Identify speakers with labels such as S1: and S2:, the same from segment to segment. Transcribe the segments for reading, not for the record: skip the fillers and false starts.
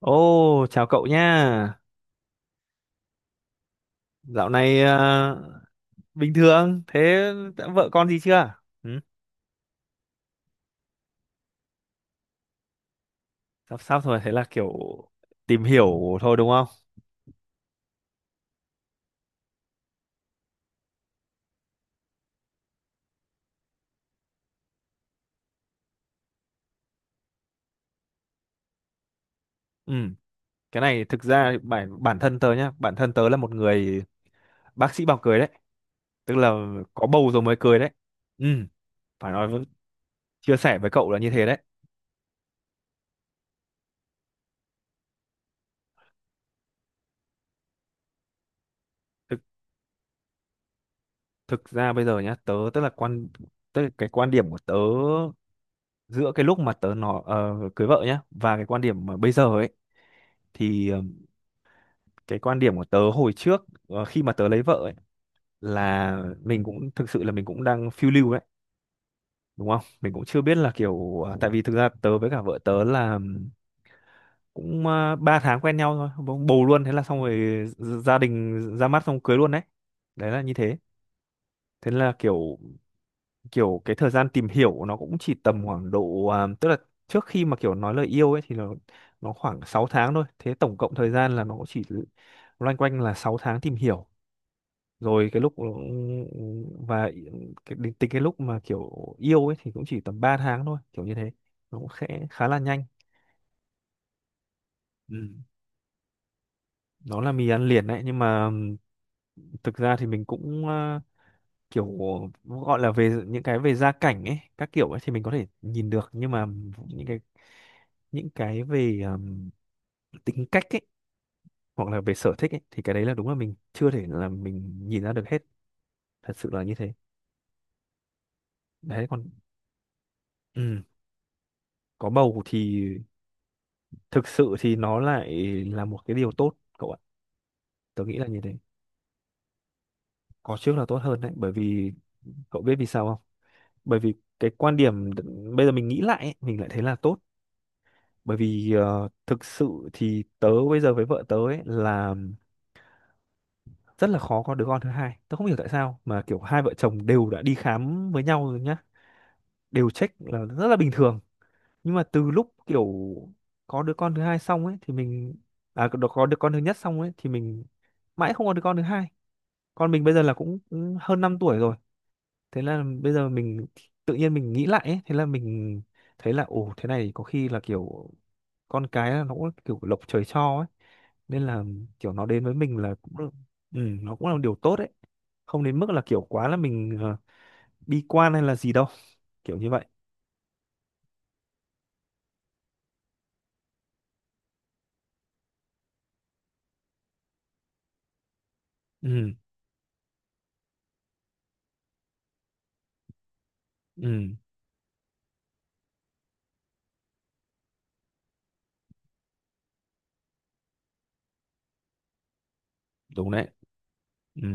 S1: Ô, chào cậu nha. Dạo này bình thường. Thế đã vợ con gì chưa? Ừ, sắp sắp rồi, thế là kiểu tìm hiểu thôi đúng không? Ừ, cái này thực ra bản bản thân tớ nhá, bản thân tớ là một người bác sĩ bảo cười đấy, tức là có bầu rồi mới cười đấy. Ừ, phải nói với, chia sẻ với cậu là như thế đấy. Thực thực ra bây giờ nhá, tớ tức là quan tức là cái quan điểm của tớ giữa cái lúc mà tớ nó cưới vợ nhá và cái quan điểm mà bây giờ ấy thì cái quan điểm của tớ hồi trước khi mà tớ lấy vợ ấy, là mình cũng thực sự là mình cũng đang phiêu lưu đấy đúng không, mình cũng chưa biết là kiểu à, tại vì thực ra tớ với cả vợ tớ là cũng 3 tháng quen nhau thôi bỗng bầu luôn, thế là xong rồi, gia đình ra mắt xong cưới luôn đấy. Đấy là như thế, thế là kiểu kiểu cái thời gian tìm hiểu nó cũng chỉ tầm khoảng độ à, tức là trước khi mà kiểu nói lời yêu ấy thì nó khoảng 6 tháng thôi, thế tổng cộng thời gian là nó cũng chỉ loanh quanh là 6 tháng tìm hiểu, rồi cái lúc và cái, đến tính cái lúc mà kiểu yêu ấy thì cũng chỉ tầm 3 tháng thôi kiểu như thế, nó cũng khẽ khá là nhanh. Ừ. Nó là mì ăn liền đấy, nhưng mà thực ra thì mình cũng kiểu gọi là về những cái về gia cảnh ấy các kiểu ấy thì mình có thể nhìn được, nhưng mà những cái những cái về tính cách ấy hoặc là về sở thích ấy thì cái đấy là đúng là mình chưa thể là mình nhìn ra được hết, thật sự là như thế. Đấy còn ừm, có bầu thì thực sự thì nó lại là một cái điều tốt cậu ạ, tớ nghĩ là như thế. Có trước là tốt hơn đấy, bởi vì cậu biết vì sao không? Bởi vì cái quan điểm bây giờ mình nghĩ lại ấy, mình lại thấy là tốt. Bởi vì thực sự thì tớ bây giờ với vợ tớ ấy là rất là khó có đứa con thứ hai, tớ không hiểu tại sao mà kiểu hai vợ chồng đều đã đi khám với nhau rồi nhá, đều check là rất là bình thường, nhưng mà từ lúc kiểu có đứa con thứ hai xong ấy thì mình à, có đứa con thứ nhất xong ấy thì mình mãi không có đứa con thứ hai. Con mình bây giờ là cũng cũng hơn 5 tuổi rồi, thế là bây giờ mình tự nhiên mình nghĩ lại ấy, thế là mình thấy là ồ thế này có khi là kiểu con cái là nó cũng kiểu lộc trời cho ấy, nên là kiểu nó đến với mình là cũng được. Ừ, nó cũng là một điều tốt đấy, không đến mức là kiểu quá là mình bi quan hay là gì đâu, kiểu như vậy. Ừ, ừ, đúng đấy, ừ,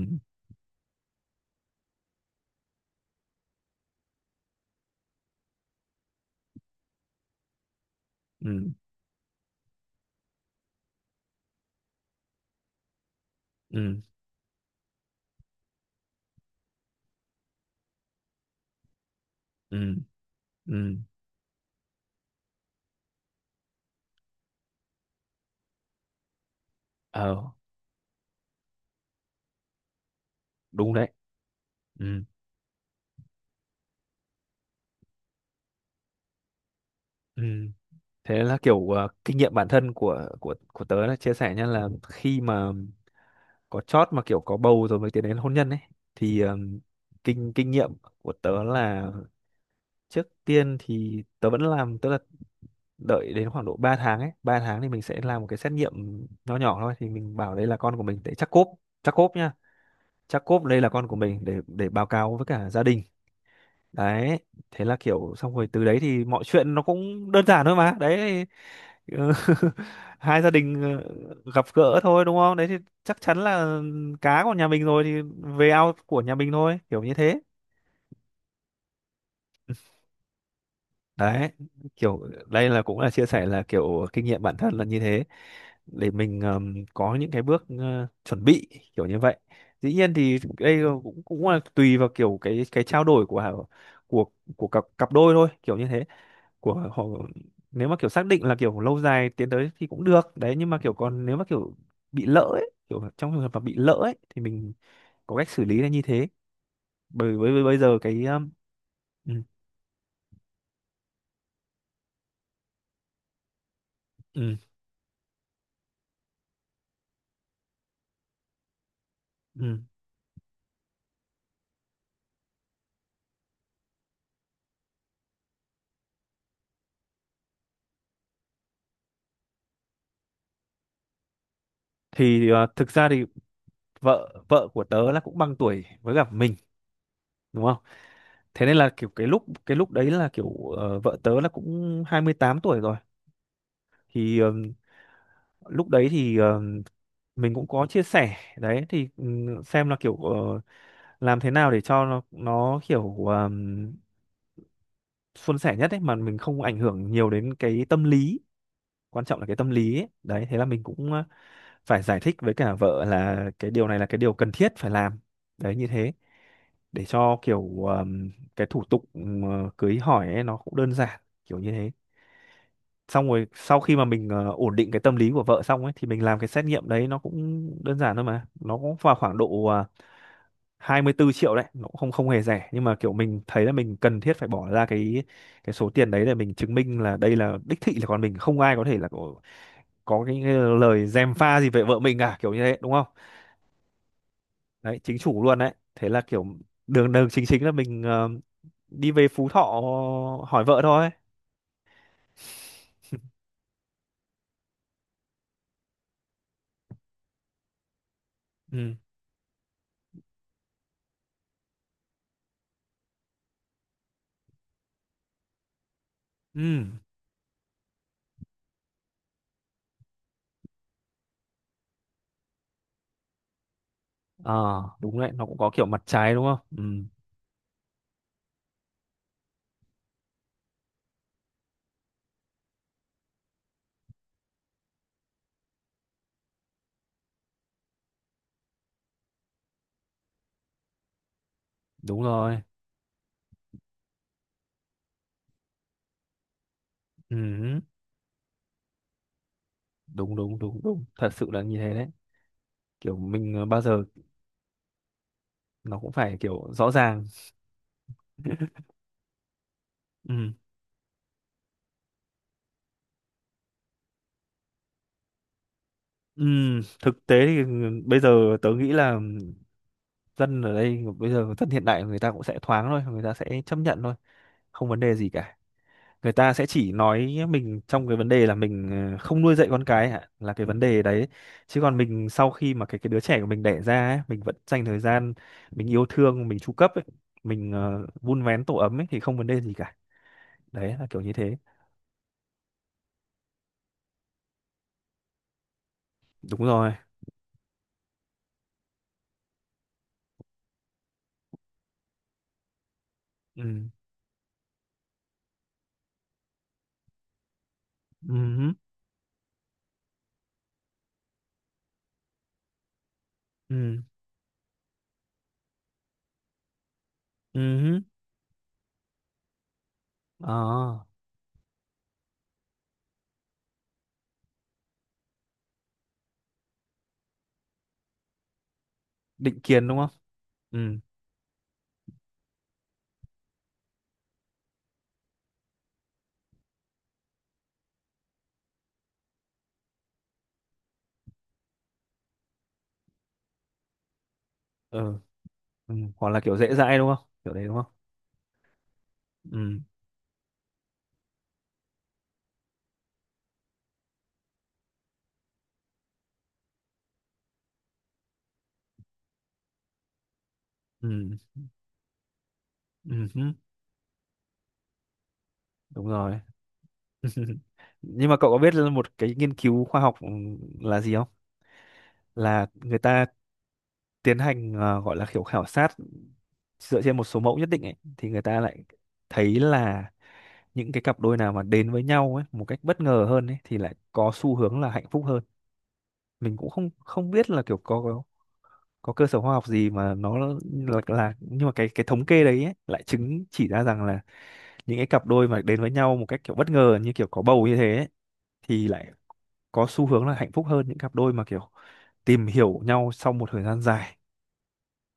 S1: ừ, ừ, ừ, ừ, ờ, đúng đấy, ừ, ừ, thế là kiểu kinh nghiệm bản thân của tớ là chia sẻ nha, là khi mà có chót mà kiểu có bầu rồi mới tiến đến hôn nhân ấy thì kinh kinh nghiệm của tớ là trước tiên thì tớ vẫn làm, tức là đợi đến khoảng độ 3 tháng ấy, 3 tháng thì mình sẽ làm một cái xét nghiệm nho nhỏ thôi, thì mình bảo đây là con của mình để chắc cốp, chắc cốp nha, chắc cốp đây là con của mình để báo cáo với cả gia đình. Đấy, thế là kiểu xong rồi từ đấy thì mọi chuyện nó cũng đơn giản thôi mà, đấy thì, ừ, hai gia đình gặp gỡ thôi đúng không, đấy thì chắc chắn là cá của nhà mình rồi thì về ao của nhà mình thôi, kiểu như thế. Đấy, kiểu đây là cũng là chia sẻ là kiểu kinh nghiệm bản thân là như thế, để mình có những cái bước chuẩn bị kiểu như vậy. Dĩ nhiên thì đây cũng cũng là tùy vào kiểu cái trao đổi của của cặp cặp đôi thôi kiểu như thế, của họ. Nếu mà kiểu xác định là kiểu lâu dài tiến tới thì cũng được đấy, nhưng mà kiểu còn nếu mà kiểu bị lỡ ấy, kiểu trong trường hợp mà bị lỡ ấy thì mình có cách xử lý là như thế, bởi với bây giờ cái ừ, ừ, ừ. Thì thực ra thì vợ vợ của tớ là cũng bằng tuổi với cả mình, đúng không, thế nên là kiểu cái lúc đấy là kiểu vợ tớ là cũng 28 tuổi rồi, thì lúc đấy thì mình cũng có chia sẻ đấy, thì xem là kiểu làm thế nào để cho nó kiểu suôn sẻ nhất ấy, mà mình không ảnh hưởng nhiều đến cái tâm lý, quan trọng là cái tâm lý ấy. Đấy, thế là mình cũng phải giải thích với cả vợ là cái điều này là cái điều cần thiết phải làm, đấy như thế, để cho kiểu cái thủ tục cưới hỏi ấy, nó cũng đơn giản kiểu như thế. Xong rồi sau khi mà mình ổn định cái tâm lý của vợ xong ấy thì mình làm cái xét nghiệm đấy, nó cũng đơn giản thôi mà, nó cũng vào khoảng độ 24 triệu đấy, nó cũng không, không hề rẻ, nhưng mà kiểu mình thấy là mình cần thiết phải bỏ ra cái số tiền đấy để mình chứng minh là đây là đích thị là con mình, không ai có thể là có, cái lời gièm pha gì về vợ mình cả, kiểu như thế đúng không. Đấy, chính chủ luôn đấy, thế là kiểu đường đường chính chính là mình đi về Phú Thọ hỏi vợ thôi. Ừ, ừ, à, đúng đấy, nó cũng có kiểu mặt trái đúng không. Ừ, đúng rồi, ừ, đúng đúng đúng đúng, thật sự là như thế đấy, kiểu mình bao giờ nó cũng phải kiểu rõ ràng. Ừ. Ừ. Thực tế thì ừ, bây giờ tớ nghĩ là dân ở đây bây giờ dân hiện đại, người ta cũng sẽ thoáng thôi, người ta sẽ chấp nhận thôi, không vấn đề gì cả. Người ta sẽ chỉ nói mình trong cái vấn đề là mình không nuôi dạy con cái hả, là cái vấn đề đấy, chứ còn mình sau khi mà cái đứa trẻ của mình đẻ ra ấy, mình vẫn dành thời gian, mình yêu thương, mình chu cấp ấy, mình vun vén tổ ấm ấy thì không vấn đề gì cả, đấy là kiểu như thế. Đúng rồi, ừ, ừ, ừ, ừ, ờ, định kiến đúng không? Ừ, ừ, ừ. Hoặc là kiểu dễ dãi đúng không? Kiểu đấy đúng không? Ừ, ừ, ừ, hứ, đúng rồi. Nhưng mà cậu có biết là một cái nghiên cứu khoa học ừ, là gì không? Là người ta tiến hành gọi là kiểu khảo sát dựa trên một số mẫu nhất định ấy, thì người ta lại thấy là những cái cặp đôi nào mà đến với nhau ấy một cách bất ngờ hơn ấy thì lại có xu hướng là hạnh phúc hơn. Mình cũng không không biết là kiểu có cơ sở khoa học gì mà nó là nhưng mà cái thống kê đấy ấy, lại chứng chỉ ra rằng là những cái cặp đôi mà đến với nhau một cách kiểu bất ngờ như kiểu có bầu như thế ấy, thì lại có xu hướng là hạnh phúc hơn những cặp đôi mà kiểu tìm hiểu nhau sau một thời gian dài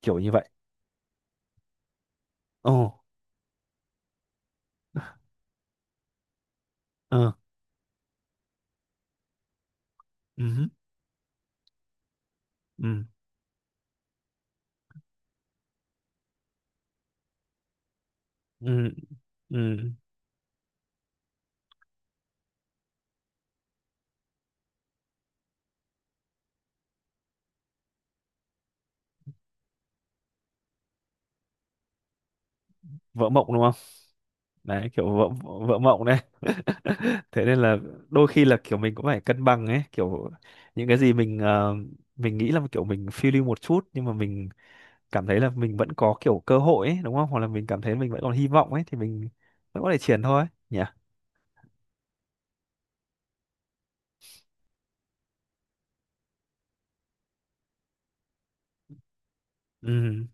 S1: kiểu như vậy. Ồ, ờ, ừ, ừ, ừ, ừ, vỡ mộng đúng không, đấy kiểu vỡ vỡ mộng đấy. Thế nên là đôi khi là kiểu mình cũng phải cân bằng ấy, kiểu những cái gì mình mình nghĩ là kiểu mình phiêu lưu một chút, nhưng mà mình cảm thấy là mình vẫn có kiểu cơ hội ấy, đúng không? Hoặc là mình cảm thấy mình vẫn còn hy vọng ấy thì mình vẫn có thể triển thôi nhỉ. Ừ,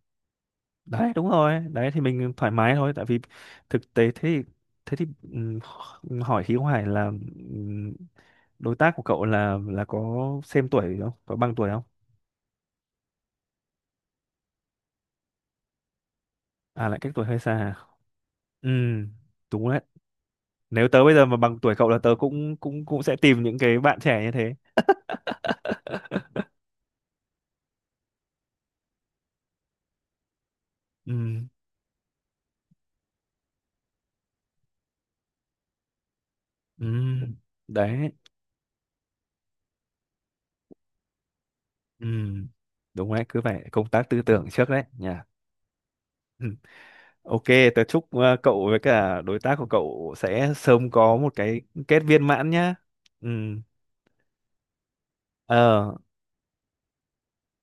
S1: đấy đúng rồi, đấy thì mình thoải mái thôi, tại vì thực tế thế thì thế thì ừm, hỏi khí hoài là ừm, đối tác của cậu là có xem tuổi không? Có bằng tuổi không? À, lại cách tuổi hơi xa à? Ừ, đúng đấy. Nếu tớ bây giờ mà bằng tuổi cậu là tớ cũng cũng cũng sẽ tìm những cái bạn trẻ như thế. Ừ, ừ, đấy. Ừ, đúng đấy, cứ phải công tác tư tưởng trước đấy nhỉ. Ừ. Ok, tớ chúc cậu với cả đối tác của cậu sẽ sớm có một cái kết viên mãn nhá. Ừ. Ờ,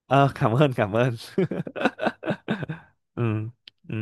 S1: ờ, cảm ơn, cảm ơn. Ừ. Ừ.